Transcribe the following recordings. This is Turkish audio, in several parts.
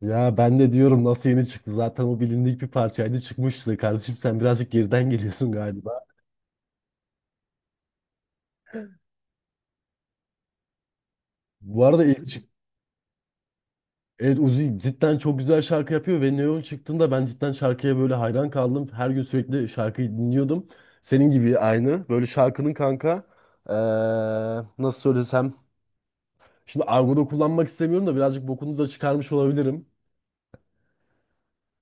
Ya ben de diyorum, nasıl yeni çıktı? Zaten o bilindik bir parçaydı, çıkmıştı. Kardeşim sen birazcık geriden geliyorsun galiba. Bu arada ilk çık Evet, Uzi cidden çok güzel şarkı yapıyor ve Neon çıktığında ben cidden şarkıya böyle hayran kaldım. Her gün sürekli şarkıyı dinliyordum. Senin gibi aynı. Böyle şarkının kanka, eee, nasıl söylesem. Şimdi argoda kullanmak istemiyorum da birazcık bokunu da çıkarmış olabilirim.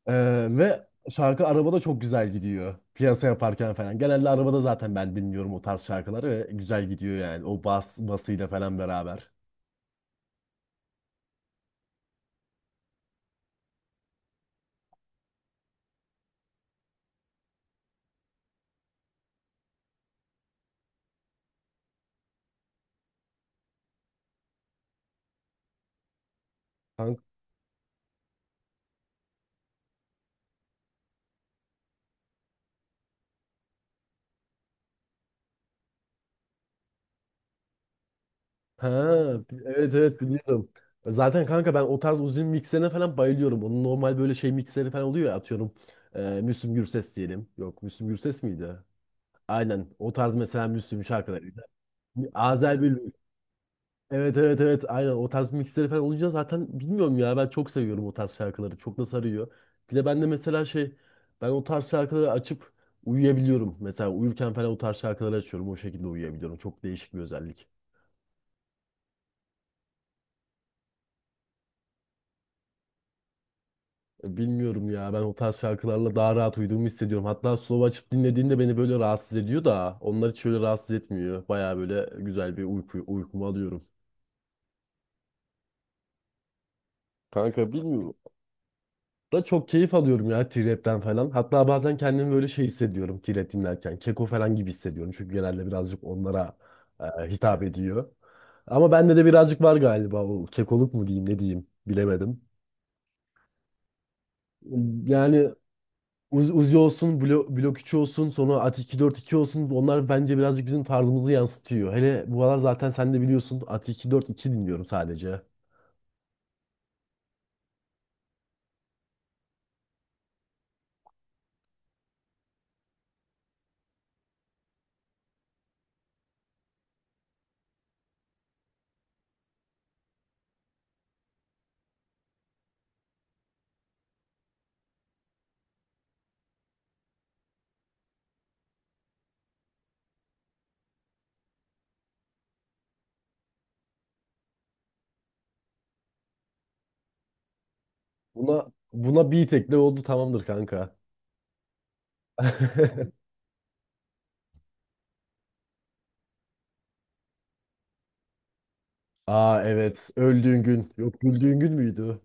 Ve şarkı arabada çok güzel gidiyor. Piyasa yaparken falan. Genelde arabada zaten ben dinliyorum o tarz şarkıları ve güzel gidiyor yani. O bas basıyla falan beraber. Kanka. Ha, evet, evet, biliyorum. Zaten kanka ben o tarz uzun mikserine falan bayılıyorum. Onun normal böyle şey mikseri falan oluyor ya, atıyorum. Müslüm Gürses diyelim. Yok, Müslüm Gürses miydi? Aynen o tarz, mesela Müslüm şarkıları. Azer Bülbül. Evet, evet, evet, aynen o tarz mixleri falan olunca zaten bilmiyorum ya, ben çok seviyorum o tarz şarkıları, çok da sarıyor. Bir de ben de mesela şey, ben o tarz şarkıları açıp uyuyabiliyorum. Mesela uyurken falan o tarz şarkıları açıyorum, o şekilde uyuyabiliyorum. Çok değişik bir özellik. Bilmiyorum ya, ben o tarz şarkılarla daha rahat uyuduğumu hissediyorum. Hatta slow açıp dinlediğinde beni böyle rahatsız ediyor da, onlar hiç öyle rahatsız etmiyor. Baya böyle güzel bir uyku, uykumu alıyorum. Kanka bilmiyorum. Da çok keyif alıyorum ya T-Rap'ten falan. Hatta bazen kendimi böyle şey hissediyorum T-Rap dinlerken. Keko falan gibi hissediyorum. Çünkü genelde birazcık onlara hitap ediyor. Ama bende de birazcık var galiba, o kekoluk mu diyeyim, ne diyeyim bilemedim. Yani Uzi olsun, Blok üç olsun, sonra At iki Ati iki olsun. Onlar bence birazcık bizim tarzımızı yansıtıyor. Hele bu aralar zaten sen de biliyorsun, At iki Ati iki dinliyorum sadece. Buna bir tekle oldu, tamamdır kanka. Aa, evet, öldüğün gün. Yok, güldüğün gün müydü?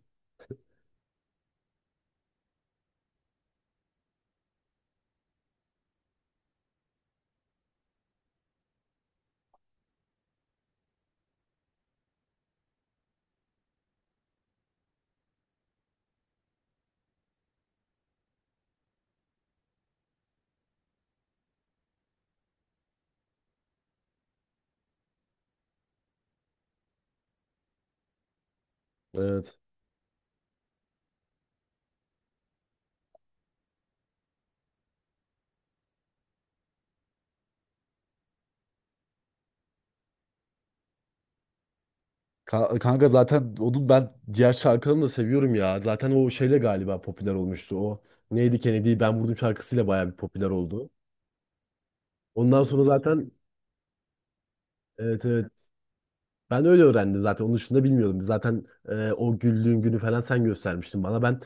Evet. Kanka zaten onu, ben diğer şarkılarını da seviyorum ya. Zaten o şeyle galiba popüler olmuştu. O neydi, Kennedy'yi ben vurdum şarkısıyla bayağı bir popüler oldu. Ondan sonra zaten, evet, evet, ben öyle öğrendim zaten. Onun dışında bilmiyordum. Zaten o güldüğün günü falan sen göstermiştin bana. Ben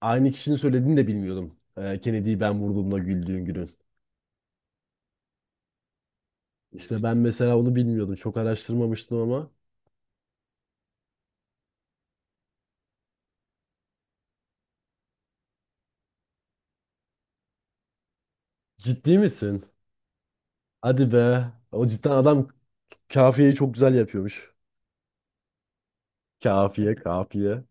aynı kişinin söylediğini de bilmiyordum. Kennedy'yi ben vurduğumda güldüğün günün. İşte ben mesela onu bilmiyordum. Çok araştırmamıştım ama. Ciddi misin? Hadi be. O cidden adam kafiyeyi çok güzel yapıyormuş. Kafiye, kafiye.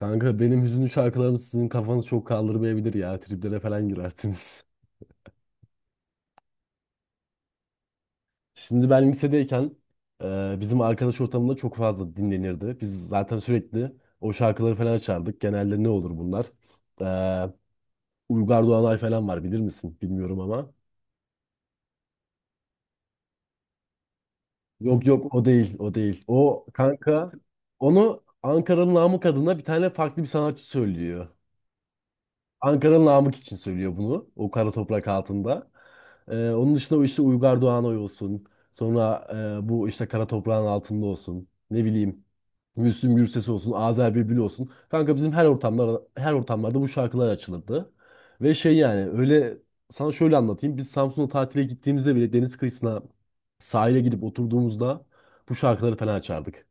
Kanka benim hüzünlü şarkılarım sizin kafanız çok kaldırmayabilir ya. Triplere falan girersiniz. Şimdi ben lisedeyken bizim arkadaş ortamında çok fazla dinlenirdi. Biz zaten sürekli o şarkıları falan açardık. Genelde ne olur bunlar? E, Uygar Doğanay falan var, bilir misin? Bilmiyorum ama. Yok yok, o değil o değil. O kanka, onu Ankara'nın namı adına bir tane farklı bir sanatçı söylüyor. Ankara'nın Namık için söylüyor bunu. O kara toprak altında. Onun dışında o işte Uygar Doğanoy olsun. Sonra bu işte kara toprağın altında olsun. Ne bileyim. Müslüm Gürses olsun. Azer Bülbül olsun. Kanka bizim her ortamlarda bu şarkılar açılırdı. Ve şey yani öyle, sana şöyle anlatayım. Biz Samsun'a tatile gittiğimizde bile deniz kıyısına, sahile gidip oturduğumuzda bu şarkıları falan açardık.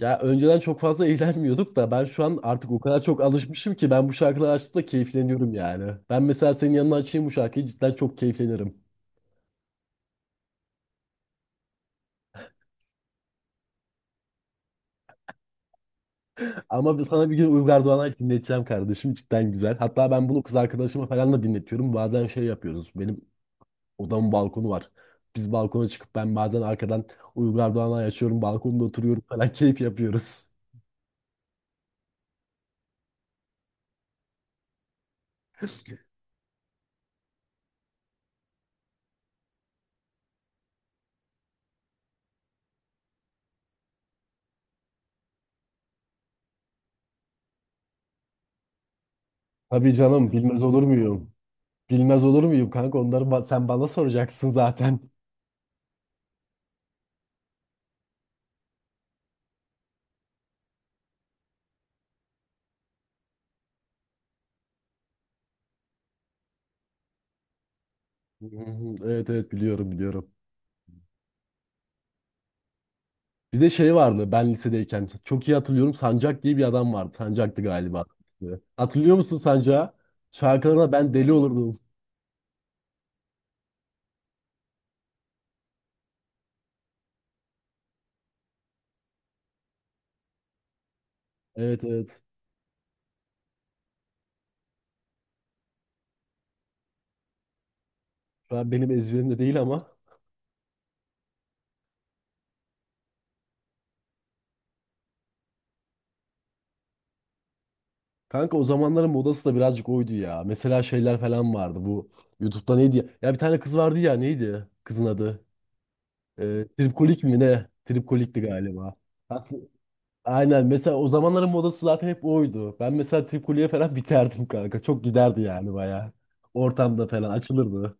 Ya önceden çok fazla eğlenmiyorduk da, ben şu an artık o kadar çok alışmışım ki, ben bu şarkıları açtığımda keyifleniyorum yani. Ben mesela senin yanına açayım bu şarkıyı, cidden çok keyiflenirim. Ama sana bir gün Uygar Doğan'a dinleteceğim kardeşim, cidden güzel. Hatta ben bunu kız arkadaşıma falan da dinletiyorum. Bazen şey yapıyoruz. Benim odamın balkonu var. Biz balkona çıkıp ben bazen arkadan Uygar Doğan'a açıyorum. Balkonda oturuyorum falan keyif yapıyoruz. Tabii canım, bilmez olur muyum? Bilmez olur muyum kanka, onları sen bana soracaksın zaten. Hı hı. Evet, evet, biliyorum, biliyorum. Bir de şey vardı, ben lisedeyken çok iyi hatırlıyorum, Sancak diye bir adam vardı. Sancak'tı galiba. Hatırlıyor musun Sancak'ı? Şarkılarına ben deli olurdum. Evet, evet. Şu an benim ezberimde değil ama. Kanka o zamanların modası da birazcık oydu ya. Mesela şeyler falan vardı bu. YouTube'da neydi ya? Ya bir tane kız vardı ya, neydi kızın adı? Tripkolik mi ne? Tripkolik'ti galiba. Hat- Aynen, mesela o zamanların modası zaten hep oydu. Ben mesela Tripkolik'e falan biterdim kanka. Çok giderdi yani, baya ortamda falan açılırdı.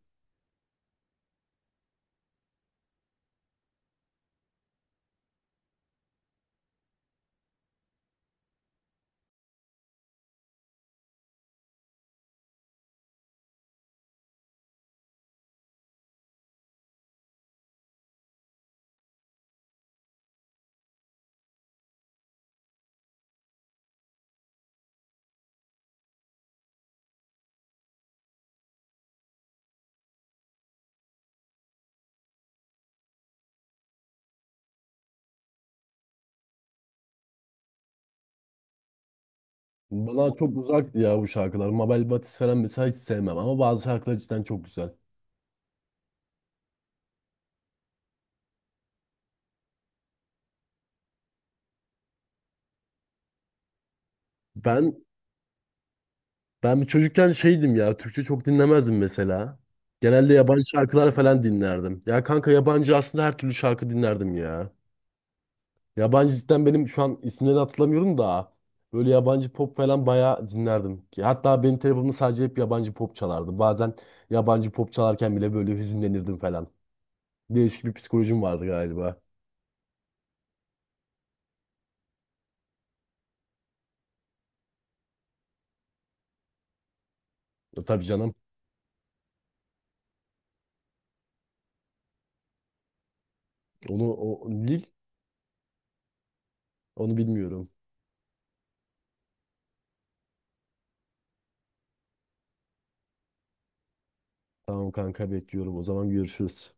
Bana çok uzaktı ya bu şarkılar. Mabel Batist falan mesela hiç sevmem ama bazı şarkılar cidden çok güzel. Ben ben bir çocukken şeydim ya, Türkçe çok dinlemezdim mesela. Genelde yabancı şarkılar falan dinlerdim. Ya kanka, yabancı aslında her türlü şarkı dinlerdim ya. Yabancı cidden benim şu an isimleri hatırlamıyorum da, böyle yabancı pop falan bayağı dinlerdim. Ki hatta benim telefonumda sadece hep yabancı pop çalardı. Bazen yabancı pop çalarken bile böyle hüzünlenirdim falan. Değişik bir psikolojim vardı galiba. Tabii canım. Onu o, Lil Onu bilmiyorum. Tamam kanka, bekliyorum. O zaman görüşürüz.